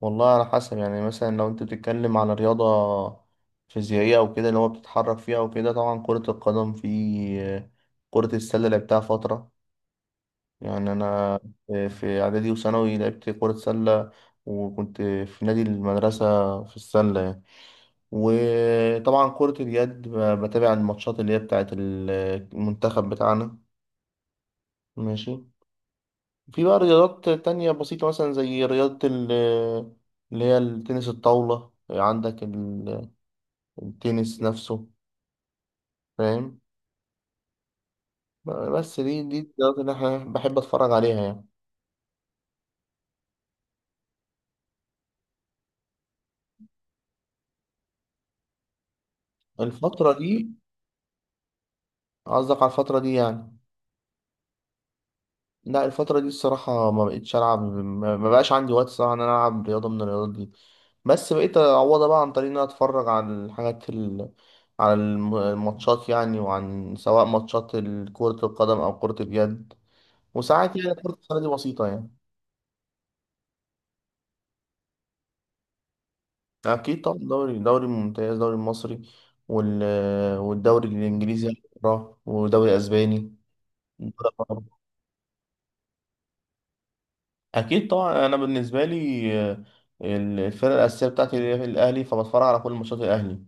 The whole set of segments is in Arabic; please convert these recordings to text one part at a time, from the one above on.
والله على حسب يعني مثلا لو انت بتتكلم على رياضة فيزيائية او كده اللي هو بتتحرك فيها وكده، طبعا كرة القدم، كرة السلة لعبتها فترة يعني. انا في اعدادي وثانوي لعبت كرة سلة، وكنت في نادي المدرسة في السلة يعني. وطبعا كرة اليد بتابع الماتشات اللي هي بتاعت المنتخب بتاعنا. ماشي. في بقى رياضات تانية بسيطة مثلا زي رياضة اللي هي التنس الطاولة، عندك التنس نفسه، فاهم. بس دي الرياضات اللي احنا بحب اتفرج عليها يعني. الفترة دي؟ قصدك على الفترة دي يعني. لا الفترة دي الصراحة ما بقتش ألعب، ما بقاش عندي وقت صراحة إن أنا ألعب رياضة من الرياضات دي. بس بقيت أعوضها بقى عن طريق إن أنا أتفرج على على الماتشات يعني، وعن سواء ماتشات كرة القدم أو كرة اليد، وساعات يعني كرة السلة دي بسيطة يعني. أكيد طبعا، دوري ممتاز، دوري المصري وال... والدوري الإنجليزي أقراه، ودوري أسباني. دوري أقراه. أكيد طبعا. أنا بالنسبة لي آه، الفرقة الأساسية بتاعتي هي الأهلي، فبتفرج على كل ماتشات الأهلي.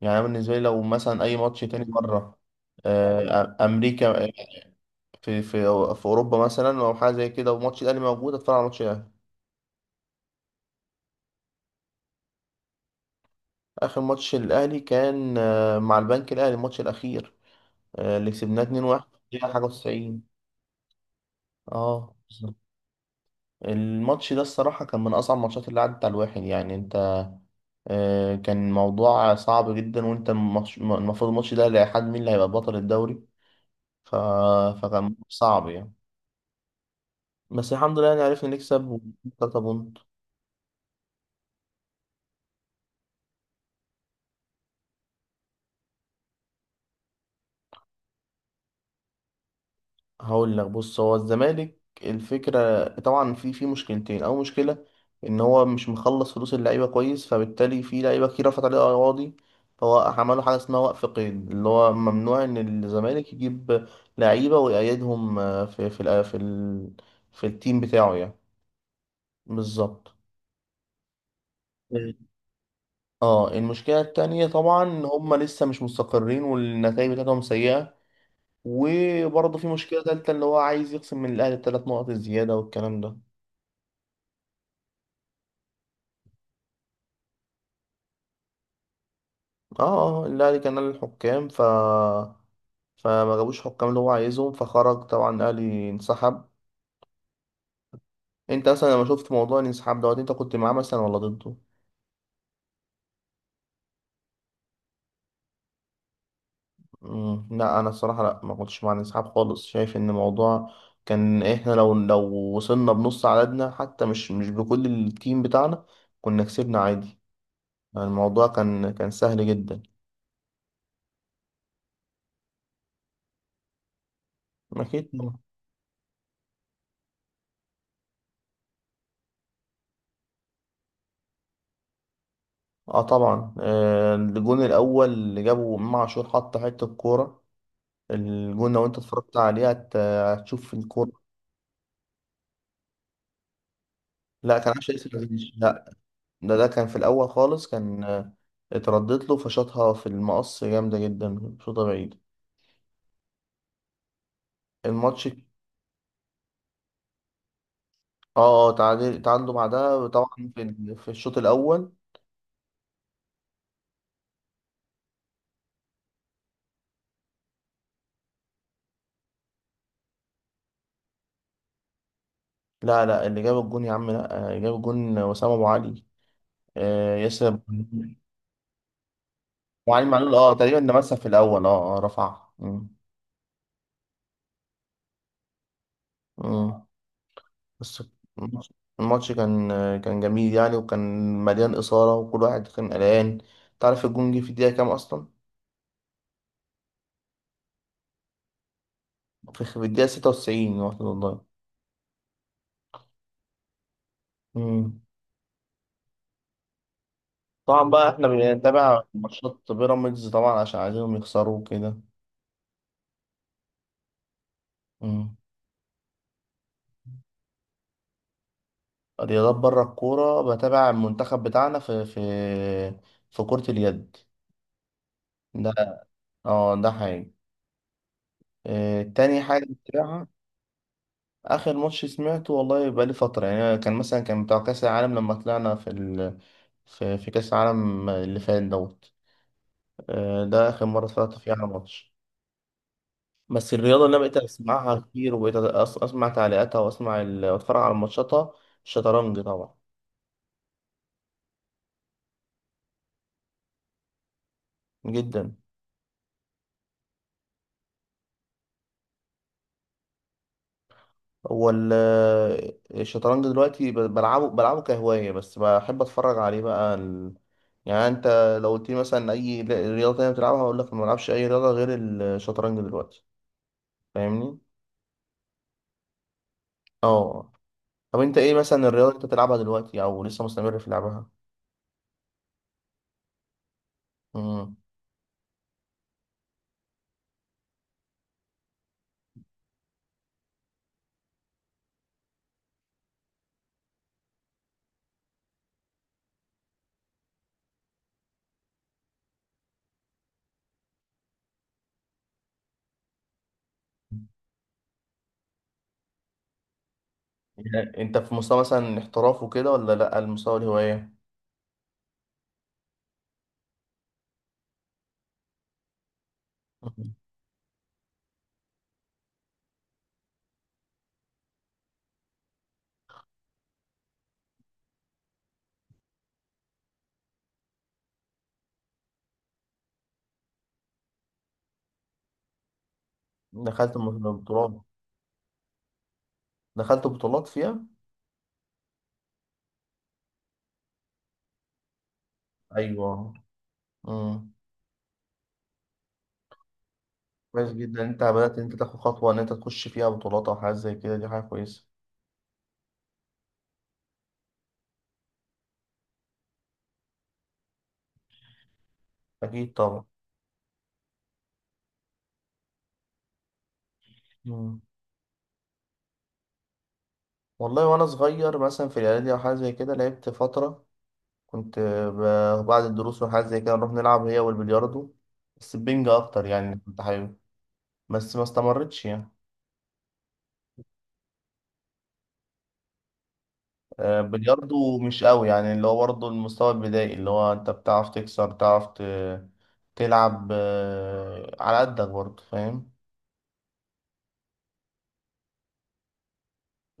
يعني أنا بالنسبة لي لو مثلا أي ماتش تاني بره، آه، أمريكا، آه، في في أوروبا مثلا أو حاجة زي كده، وماتش الأهلي موجود، أتفرج على ماتش الأهلي. آخر ماتش الأهلي كان آه، مع البنك الأهلي، الماتش الأخير آه، اللي كسبناه 2-1، دقيقة حاجة و90. اه بالظبط. الماتش ده الصراحة كان من أصعب الماتشات اللي عدت على الواحد يعني. أنت آه، كان موضوع صعب جدا، وأنت المفروض الماتش ده لحد مين اللي هيبقى بطل الدوري، ف... فكان صعب يعني. بس الحمد لله يعني عرفنا نكسب و 3 بونت. هقول لك، بص، هو الزمالك الفكرة طبعا في مشكلتين. أول مشكلة إن هو مش مخلص فلوس اللعيبة كويس، فبالتالي في لعيبة كتير رفعت عليه قواضي. فهو عملوا حاجة اسمها وقف قيد، اللي هو ممنوع إن الزمالك يجيب لعيبة ويقيدهم آه، في في التيم بتاعه يعني. بالظبط. مم. اه المشكلة التانية طبعا إن هما لسه مش مستقرين، والنتائج بتاعتهم سيئة. وبرضه في مشكلة تالتة، اللي هو عايز يخصم من الأهلي التلات نقط الزيادة والكلام ده. اه اه الاهلي كان نادي الحكام، فما جابوش حكام اللي هو عايزهم، فخرج طبعا الاهلي، انسحب. انت اصلا لما شفت موضوع الانسحاب دوت انت كنت معاه مثلا ولا ضده؟ مم. لا انا الصراحه لا ما كنتش مع الانسحاب خالص. شايف ان الموضوع كان، احنا لو وصلنا بنص عددنا حتى، مش بكل التيم بتاعنا، كنا كسبنا عادي. الموضوع كان سهل جدا. اكيد طبعا. اه طبعا، آه، الجون الاول اللي جابه امام عاشور، حط حته الكوره، الجون لو انت اتفرجت عليه هتشوف الكورة. لا كان عشان ياسر عزيز، لا. ده كان في الأول خالص، كان آه، اتردت له فشاطها في المقص جامدة جدا، شوطة بعيد الماتش. اه اه تعادل، تعادلوا بعدها طبعا في في الشوط الأول. لا لا اللي جاب الجون يا عم، لا آه، جاب الجون وسام أبو علي، آه، ياسر أبو علي. وعلي معلول اه تقريبا ده مسح في الأول، اه اه رفعها. مم. مم. بس الماتش، الماتش كان جميل يعني، وكان مليان إثارة، وكل واحد كان قلقان. تعرف الجون جه في الدقيقة كام أصلا؟ في الدقيقة 96، واحد والله. مم. طبعا بقى احنا بنتابع ماتشات بيراميدز طبعا عشان عايزينهم يخسروا كده. مم. رياضات بره الكورة، بتابع المنتخب بتاعنا في في كرة اليد. ده اه ده حاجة آه، تاني حاجة بتابعها. اخر ماتش سمعته والله بقى لي فتره يعني، كان مثلا كان بتاع كاس العالم لما طلعنا في, في كاس العالم اللي فات دوت. آه، ده اخر مره اتفرجت فيها على ماتش. بس الرياضه اللي انا بقيت اسمعها كتير وبقيت اسمع تعليقاتها واسمع واتفرج على ماتشاتها، الشطرنج طبعا. جدا. هو الشطرنج دلوقتي بلعبه كهوايه، بس بحب اتفرج عليه بقى يعني انت لو قلت لي مثلا اي رياضه تانية بتلعبها، هقول لك ما بلعبش اي رياضه غير الشطرنج دلوقتي، فاهمني. اه. طب انت ايه مثلا الرياضه اللي انت بتلعبها دلوقتي او لسه مستمر في لعبها؟ امم. يعني انت في مستوى مثلا احتراف وكده ولا لا، المستوى الهوايه؟ مم. بطولات. دخلت بطولات فيها؟ ايوه. امم. كويس جدا، انت بدات ان انت تاخد خطوه ان انت تخش فيها بطولات او حاجه زي كده، دي حاجه كويسه. اكيد طبعا. مم. والله وانا صغير مثلا في الاعدادي او حاجه زي كده لعبت فتره. كنت بعد الدروس وحاجات زي كده نروح نلعب هي والبلياردو، بس البنج أكتر يعني، كنت حابب، بس ما استمرتش يعني. آه، بلياردو مش قوي يعني، اللي هو برضه المستوى البدائي، اللي هو أنت بتعرف تكسر، تعرف تلعب آه، على قدك برضه، فاهم.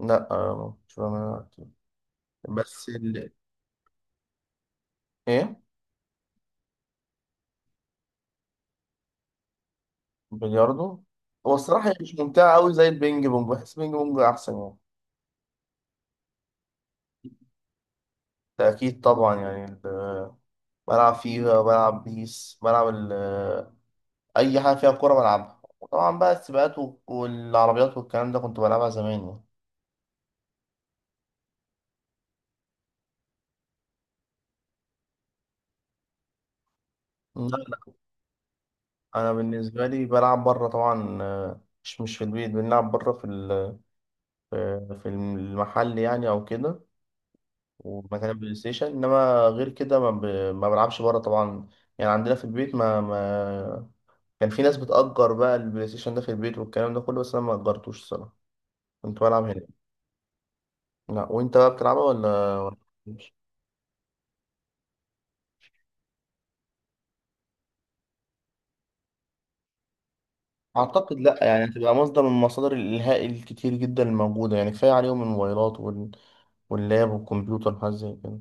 لا آه، مش بعملها كتير. بس ايه، بلياردو، هو الصراحة هي مش ممتعة قوي زي البينج بونج، بحس البينج بونج أحسن يعني. ده أكيد طبعا يعني بلعب فيفا، بلعب بيس، بلعب اي حاجه فيها كوره بلعبها، وطبعا بقى السباقات والعربيات والكلام ده كنت بلعبها زمان يعني. لا لا، انا بالنسبه لي بلعب بره طبعا، آه، مش في البيت، بنلعب بره في في المحل يعني او كده، ومكان البلاي ستيشن، انما غير كده ما, ما بلعبش بره طبعا يعني. عندنا في البيت ما, ما كان في ناس بتأجر بقى البلاي ستيشن ده في البيت والكلام ده كله، بس انا ما أجرتوش الصراحه، كنت بلعب هنا. لا وانت بقى بتلعبها ولا ولا؟ اعتقد لا يعني، هتبقى مصدر من مصادر الالهاء الكتير جدا الموجوده يعني. كفايه عليهم الموبايلات واللاب والكمبيوتر وحاجات زي كده.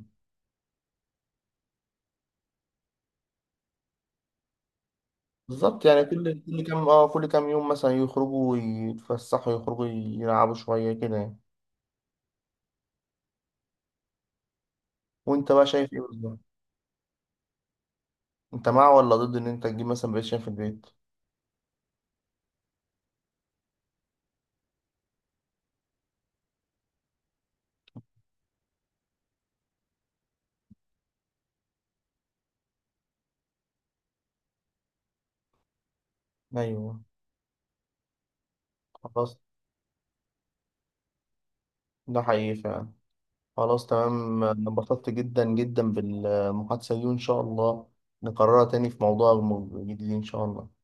بالظبط يعني كل كام يوم مثلا يخرجوا يتفسحوا، يخرجوا يلعبوا شويه كده يعني. وانت بقى شايف ايه بالظبط؟ انت مع ولا ضد ان انت تجيب مثلا، بقيت شايف، في البيت؟ ايوه. خلاص، ده حقيقي فعلا. خلاص تمام، أنا انبسطت جدا جدا بالمحادثه دي، وان شاء الله نكررها تاني في موضوع جديد ان شاء الله.